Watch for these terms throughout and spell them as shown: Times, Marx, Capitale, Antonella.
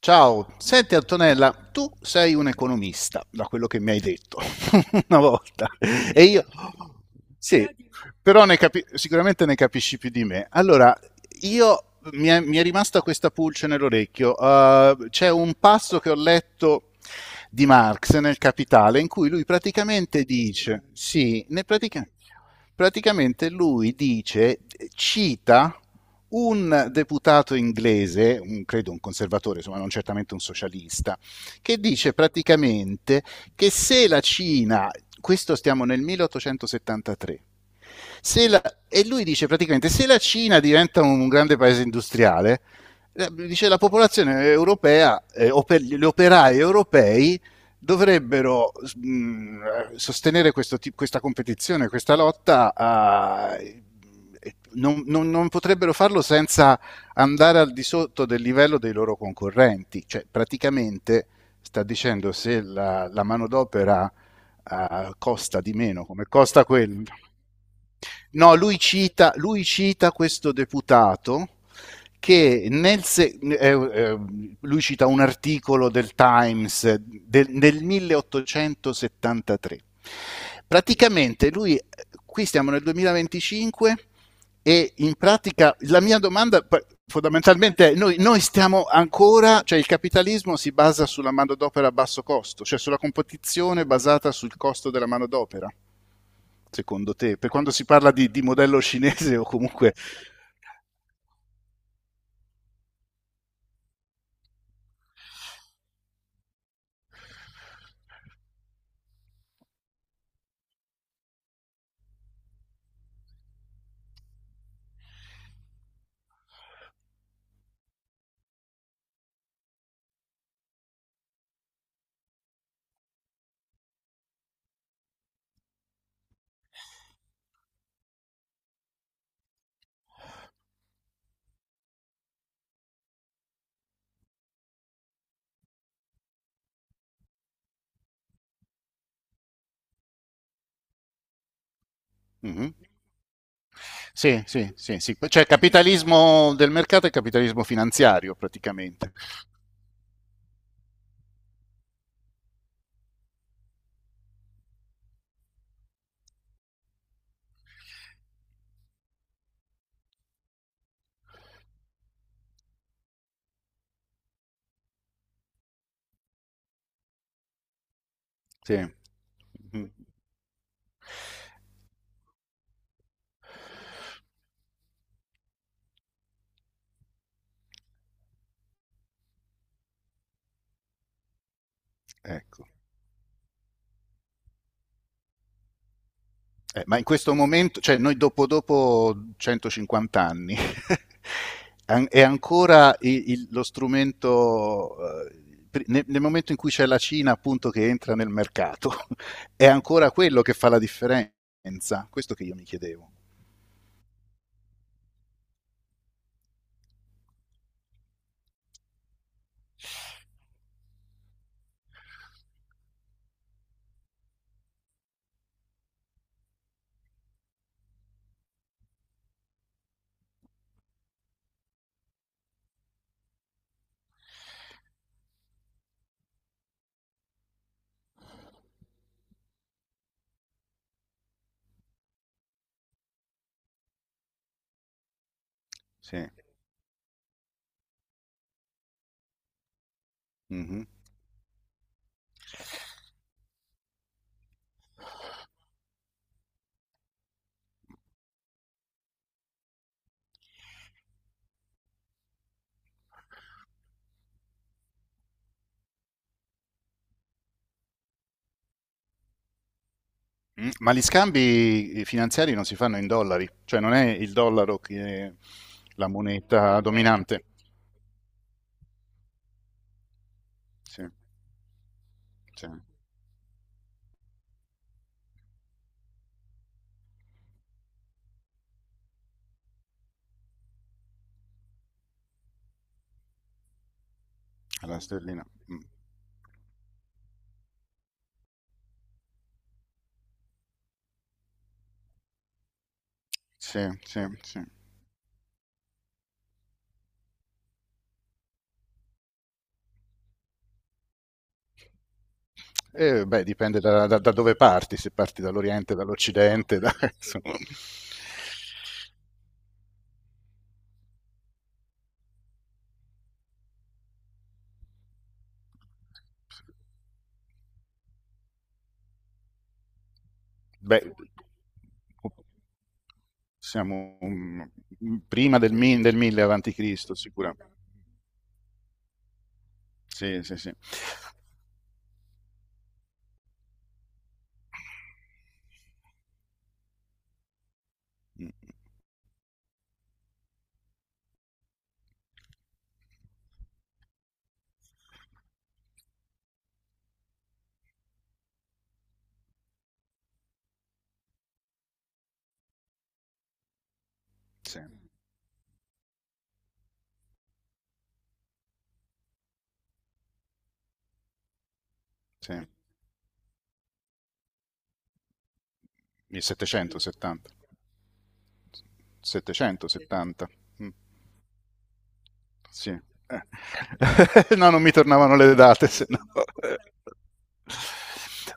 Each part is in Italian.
Ciao, senti Antonella, tu sei un economista, da quello che mi hai detto una volta, e io sì, Oddio. Però sicuramente ne capisci più di me. Allora, io mi è rimasta questa pulce nell'orecchio. C'è un passo che ho letto di Marx nel Capitale, in cui lui praticamente dice, sì, praticamente lui dice, cita un deputato inglese, credo un conservatore, insomma non certamente un socialista, che dice praticamente che se la Cina, questo stiamo nel 1873, se la- e lui dice praticamente se la Cina diventa un grande paese industriale, dice la popolazione europea, gli operai europei dovrebbero sostenere questo, questa competizione, questa lotta, non potrebbero farlo senza andare al di sotto del livello dei loro concorrenti. Cioè, praticamente sta dicendo se la manodopera costa di meno, come costa quel-. No, lui cita questo deputato che nel se- lui cita un articolo del Times del 1873. Praticamente lui, qui stiamo nel 2025, e in pratica la mia domanda fondamentalmente è, noi stiamo ancora, cioè il capitalismo si basa sulla manodopera a basso costo, cioè sulla competizione basata sul costo della manodopera, secondo te? Per quando si parla di modello cinese o comunque. Mhm. Sì, sì, sì, sì, cioè capitalismo del mercato e capitalismo finanziario praticamente. Sì, mm, ecco. Ma in questo momento, cioè noi dopo 150 anni, è ancora lo strumento, nel momento in cui c'è la Cina appunto che entra nel mercato, è ancora quello che fa la differenza. Questo che io mi chiedevo. Sì. Mhm. Ma gli scambi finanziari non si fanno in dollari, cioè non è il dollaro che è la moneta dominante. Sì, sì, è la sterlina. Mm. Sì, sì, sì. Beh, dipende da dove parti, se parti dall'Oriente, dall'Occidente, da- insomma. Beh, siamo prima del 1000 avanti Cristo, sicuramente. Sì, sì, sì. Mm. Sì, sì. 1770. 770. Mm. Sì. No, non mi tornavano le date, se no.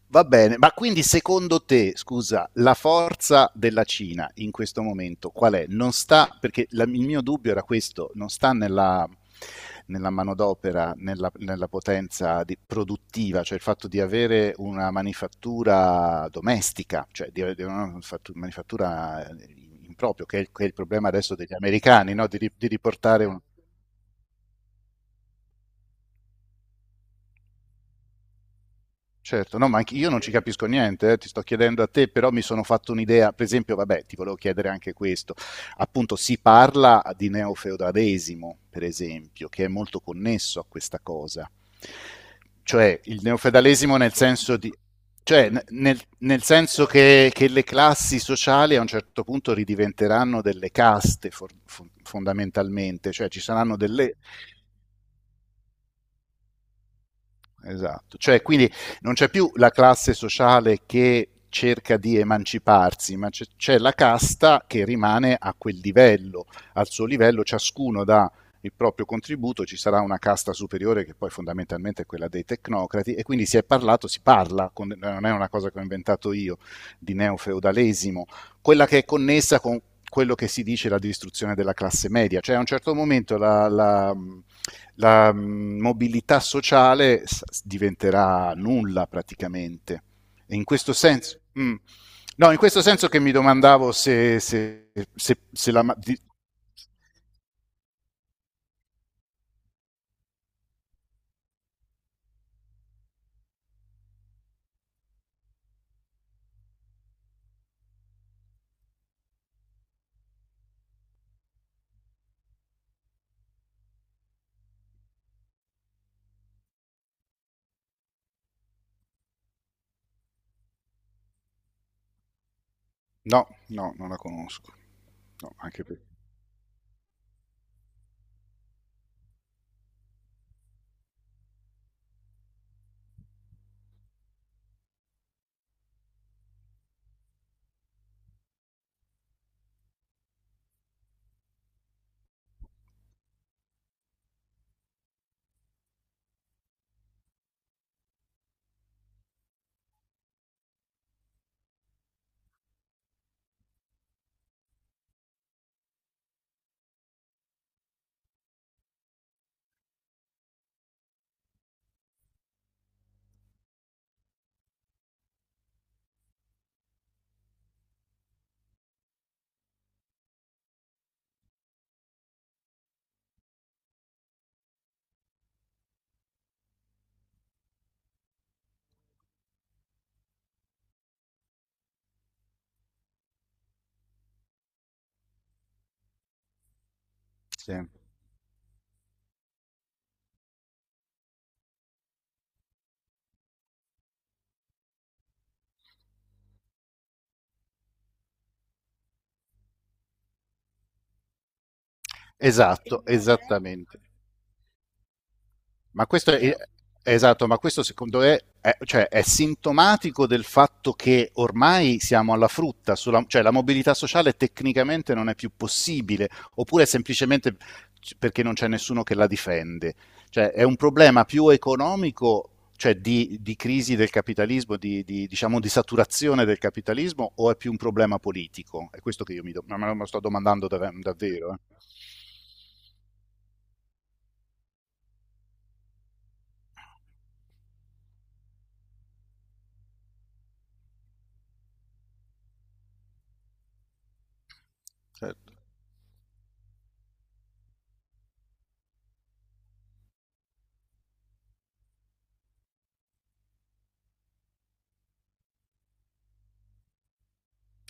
Va bene, ma quindi secondo te, scusa, la forza della Cina in questo momento qual è? Non sta, perché il mio dubbio era questo, non sta nella manodopera, nella potenza produttiva, cioè il fatto di avere una manifattura domestica, cioè di una manifattura in proprio, che è il problema adesso degli americani, no? Di riportare un. Certo, no, ma anche io non ci capisco niente, ti sto chiedendo a te. Però mi sono fatto un'idea, per esempio, vabbè, ti volevo chiedere anche questo, appunto si parla di neofeudalesimo, per esempio, che è molto connesso a questa cosa, cioè il neofeudalesimo nel senso di, cioè, nel senso che le classi sociali a un certo punto ridiventeranno delle caste fondamentalmente, cioè ci saranno delle, esatto. Cioè, quindi non c'è più la classe sociale che cerca di emanciparsi, ma c'è la casta che rimane a quel livello, al suo livello, ciascuno dà il proprio contributo, ci sarà una casta superiore che poi fondamentalmente è quella dei tecnocrati. E quindi si è parlato, si parla, con, non è una cosa che ho inventato io, di neofeudalesimo, quella che è connessa con quello che si dice la distruzione della classe media, cioè a un certo momento la mobilità sociale diventerà nulla praticamente. E in questo senso. Mm, no, in questo senso che mi domandavo se la. Di. No, no, non la conosco. No, anche per. Sì. Esatto, esattamente. Ma questo è, esatto, ma questo secondo te è, cioè, è sintomatico del fatto che ormai siamo alla frutta, cioè la mobilità sociale tecnicamente non è più possibile, oppure è semplicemente perché non c'è nessuno che la difende. Cioè, è un problema più economico, cioè di crisi del capitalismo, diciamo, di saturazione del capitalismo, o è più un problema politico? È questo che io me lo sto domandando davvero. Certo.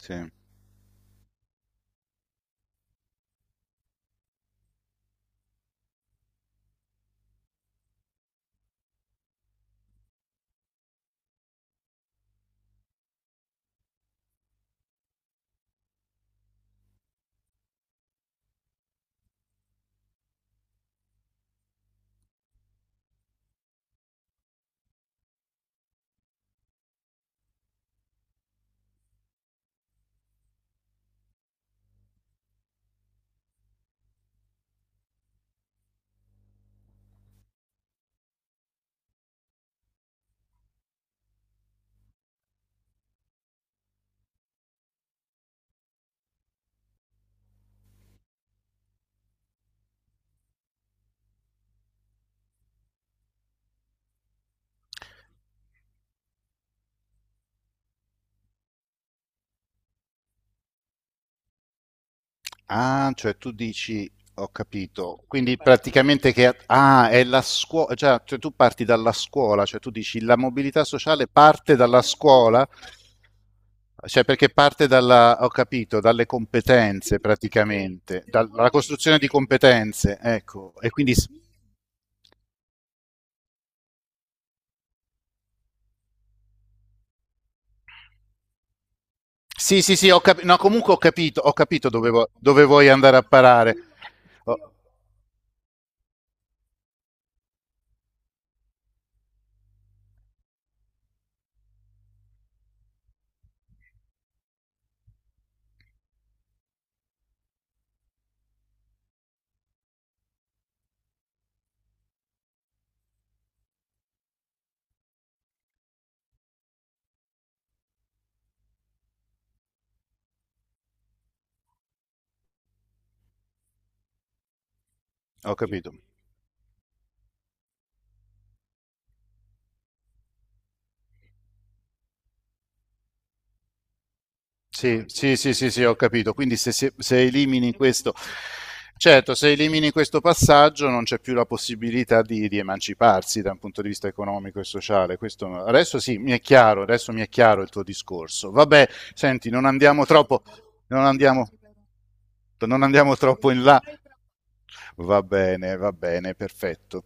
Sì. Ah, cioè tu dici, ho capito, quindi praticamente che, ah, è la scuola, cioè tu parti dalla scuola, cioè tu dici la mobilità sociale parte dalla scuola, cioè perché parte dalla, ho capito, dalle competenze praticamente, dalla costruzione di competenze, ecco, e quindi s-. Sì, sì, sì, ho capito, no, comunque ho capito dove, dove vuoi andare a parare, ho, ho capito. Sì, sì, sì, sì, sì, ho capito. Quindi se elimini questo, certo, se elimini questo passaggio non c'è più la possibilità di emanciparsi da un punto di vista economico e sociale. Questo, adesso sì, mi è chiaro, adesso mi è chiaro il tuo discorso. Vabbè, senti, non andiamo, non andiamo troppo in là. Va bene, perfetto.